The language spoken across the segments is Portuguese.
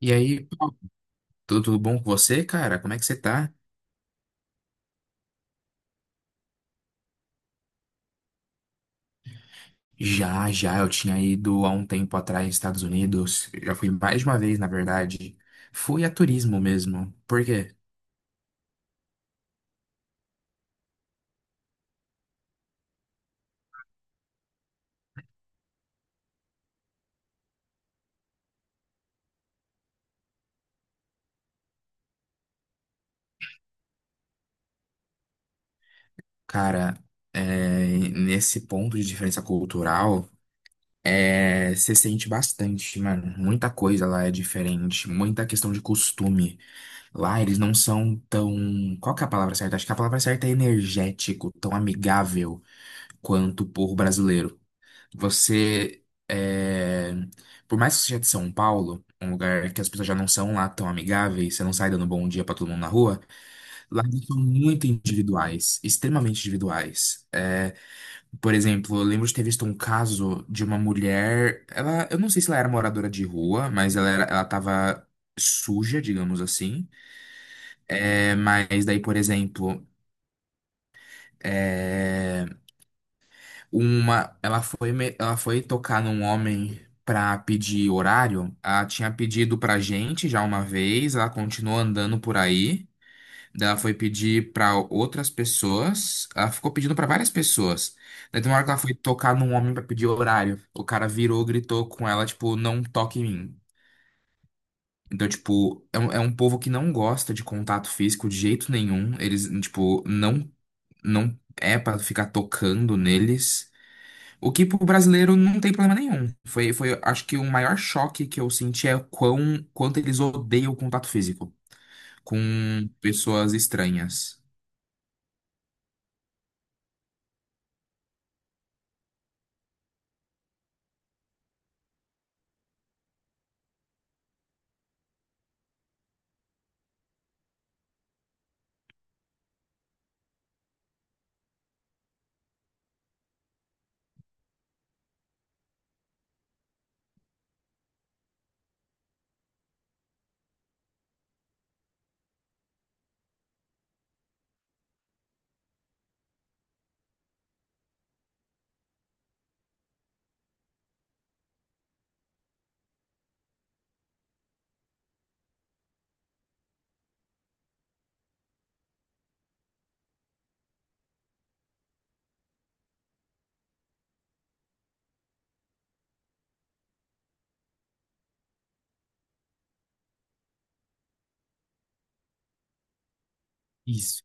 E aí, tudo bom com você, cara? Como é que você tá? Já, já, eu tinha ido há um tempo atrás nos Estados Unidos. Já fui mais de uma vez, na verdade. Fui a turismo mesmo. Por quê? Cara, nesse ponto de diferença cultural, você sente bastante, mano. Muita coisa lá é diferente. Muita questão de costume. Lá eles não são tão. Qual que é a palavra certa? Acho que a palavra certa é energético, tão amigável quanto o povo brasileiro. Você, por mais que seja de São Paulo, um lugar que as pessoas já não são lá tão amigáveis, você não sai dando bom dia pra todo mundo na rua, lá eles são muito individuais, extremamente individuais. Por exemplo, eu lembro de ter visto um caso de uma mulher, ela, eu não sei se ela era moradora de rua, mas ela era, ela tava suja, digamos assim. É, mas daí, por exemplo, é, ela foi, ela foi tocar num homem pra pedir horário. Ela tinha pedido pra gente já uma vez, ela continuou andando por aí. Daí ela foi pedir pra outras pessoas. Ela ficou pedindo pra várias pessoas. Daí tem uma hora que ela foi tocar num homem pra pedir horário. O cara virou, gritou com ela, tipo, não toque em mim. Então, tipo, é um povo que não gosta de contato físico de jeito nenhum. Eles, tipo, não, não é pra ficar tocando neles. O que pro brasileiro não tem problema nenhum. Acho que o maior choque que eu senti é quanto eles odeiam o contato físico com pessoas estranhas. Isso.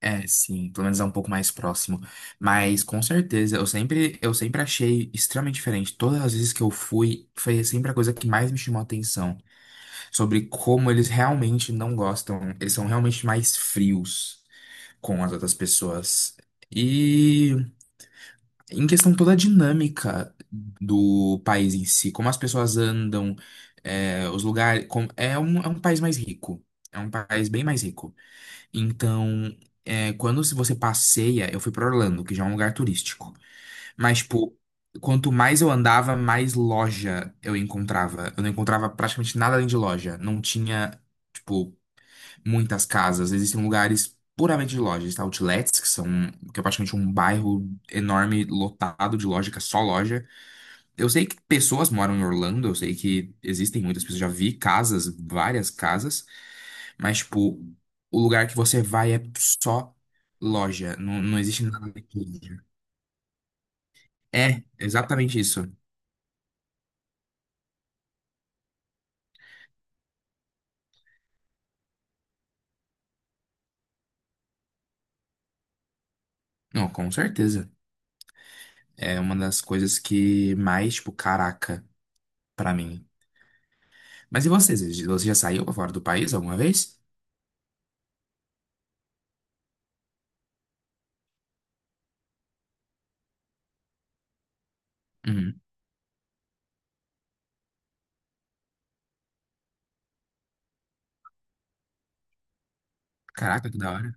É, sim, pelo menos é um pouco mais próximo. Mas com certeza, eu sempre achei extremamente diferente. Todas as vezes que eu fui, foi sempre a coisa que mais me chamou a atenção. Sobre como eles realmente não gostam. Eles são realmente mais frios com as outras pessoas. e Em questão toda a dinâmica do país em si, como as pessoas andam, é, os lugares. É um país mais rico. É um país bem mais rico. Então, é, quando se você passeia, eu fui para Orlando, que já é um lugar turístico. Mas, tipo, quanto mais eu andava, mais loja eu encontrava. Eu não encontrava praticamente nada além de loja. Não tinha. Tipo muitas casas, existem lugares puramente de lojas, tá? Outlets, que é praticamente um bairro enorme, lotado de loja, que é só loja. Eu sei que pessoas moram em Orlando, eu sei que existem muitas pessoas, já vi casas, várias casas, mas, tipo, o lugar que você vai é só loja, não, não existe nada daquilo. É, exatamente isso. Não, com certeza. É uma das coisas que mais, tipo, caraca, pra mim. Mas e vocês? Você já saiu pra fora do país alguma vez? Uhum. Caraca, que da hora.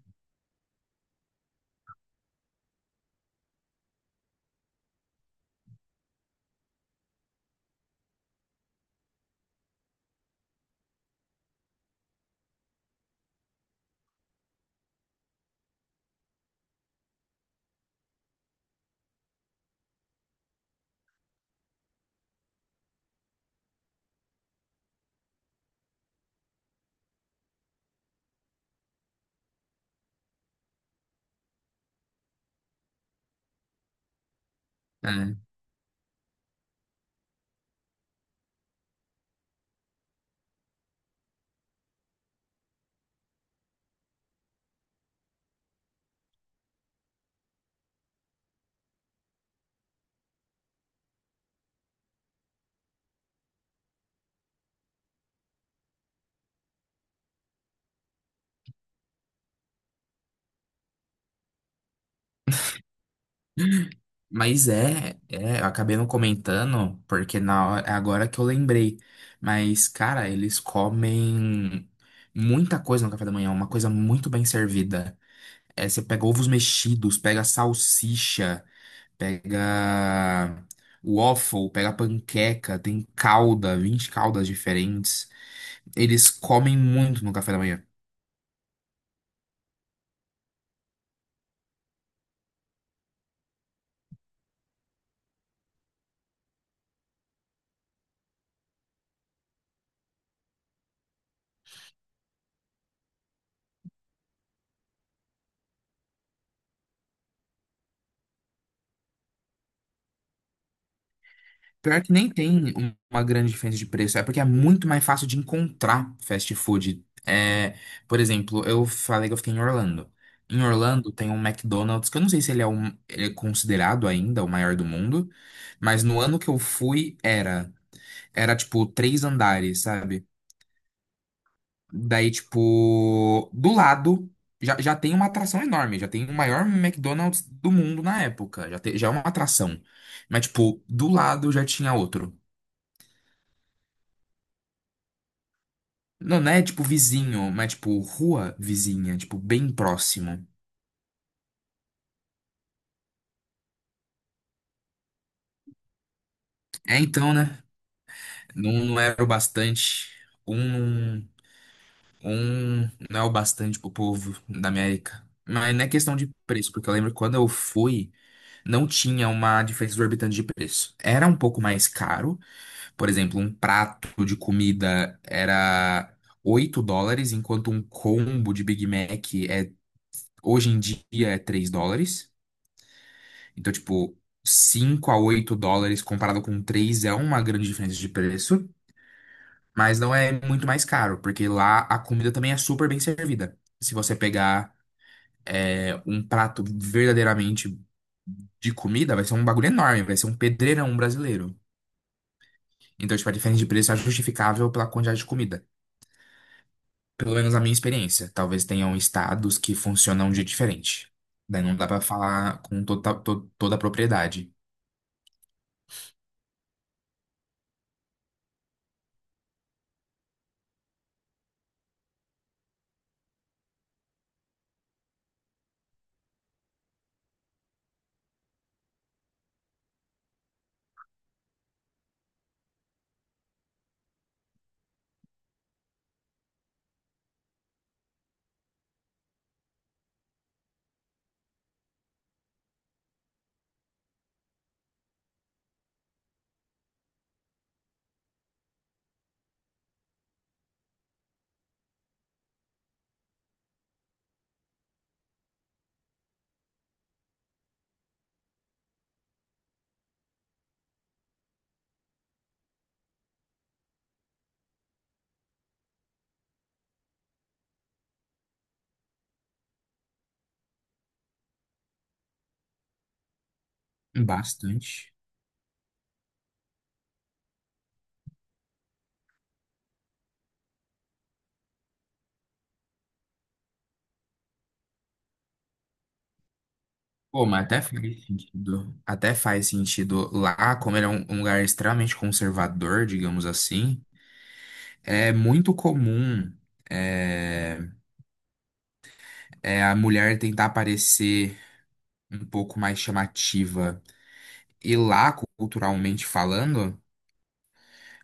É. Mas eu acabei não comentando, porque na hora, é agora que eu lembrei. Mas, cara, eles comem muita coisa no café da manhã, uma coisa muito bem servida. É, você pega ovos mexidos, pega salsicha, pega waffle, pega panqueca, tem calda, 20 caldas diferentes. Eles comem muito no café da manhã. Pior que nem tem uma grande diferença de preço, é porque é muito mais fácil de encontrar fast food. É, por exemplo, eu falei que eu fiquei em Orlando. Em Orlando tem um McDonald's, que eu não sei se ele é, ele é considerado ainda o maior do mundo, mas no ano que eu fui era. Era tipo três andares, sabe? Daí, tipo, do lado já tem uma atração enorme, já tem o maior McDonald's do mundo na época, já é uma atração. Mas, tipo, do lado já tinha outro. Não, não é tipo vizinho, mas tipo rua vizinha, tipo bem próximo. É então, né? Não, não era o bastante. Um, um não é o bastante pro povo da América. Mas não é questão de preço, porque eu lembro que quando eu fui, não tinha uma diferença exorbitante de preço. Era um pouco mais caro. Por exemplo, um prato de comida era $8, enquanto um combo de Big Mac é, hoje em dia é 3 dólares. Então, tipo, $5 a $8 comparado com 3 é uma grande diferença de preço, mas não é muito mais caro, porque lá a comida também é super bem servida. Se você pegar um prato verdadeiramente de comida, vai ser um bagulho enorme, vai ser um pedreirão brasileiro. Então, tipo, a diferença de preço é justificável pela quantidade de comida. Pelo menos na minha experiência. Talvez tenham estados que funcionam de diferente. Daí não dá pra falar com toda a propriedade. Bastante. Pô, mas até faz sentido. Até faz sentido lá, como ele é um lugar extremamente conservador, digamos assim, é muito comum é, é a mulher tentar parecer um pouco mais chamativa. E lá, culturalmente falando,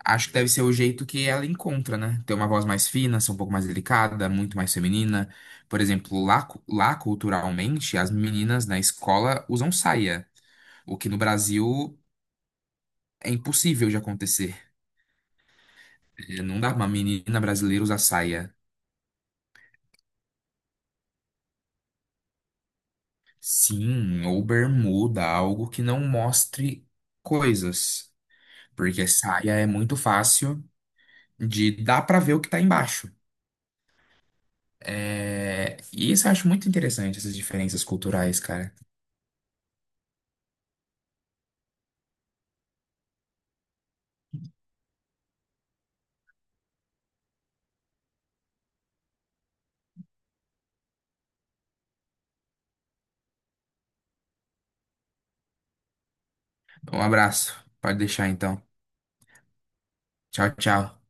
acho que deve ser o jeito que ela encontra, né? Ter uma voz mais fina, ser um pouco mais delicada, muito mais feminina. Por exemplo, lá culturalmente, as meninas na escola usam saia, o que no Brasil é impossível de acontecer. É, não dá pra uma menina brasileira usar saia. Sim, ou bermuda, algo que não mostre coisas. Porque saia é muito fácil de dá pra ver o que tá embaixo. É, e isso eu acho muito interessante, essas diferenças culturais, cara. Um abraço. Pode deixar então. Tchau, tchau.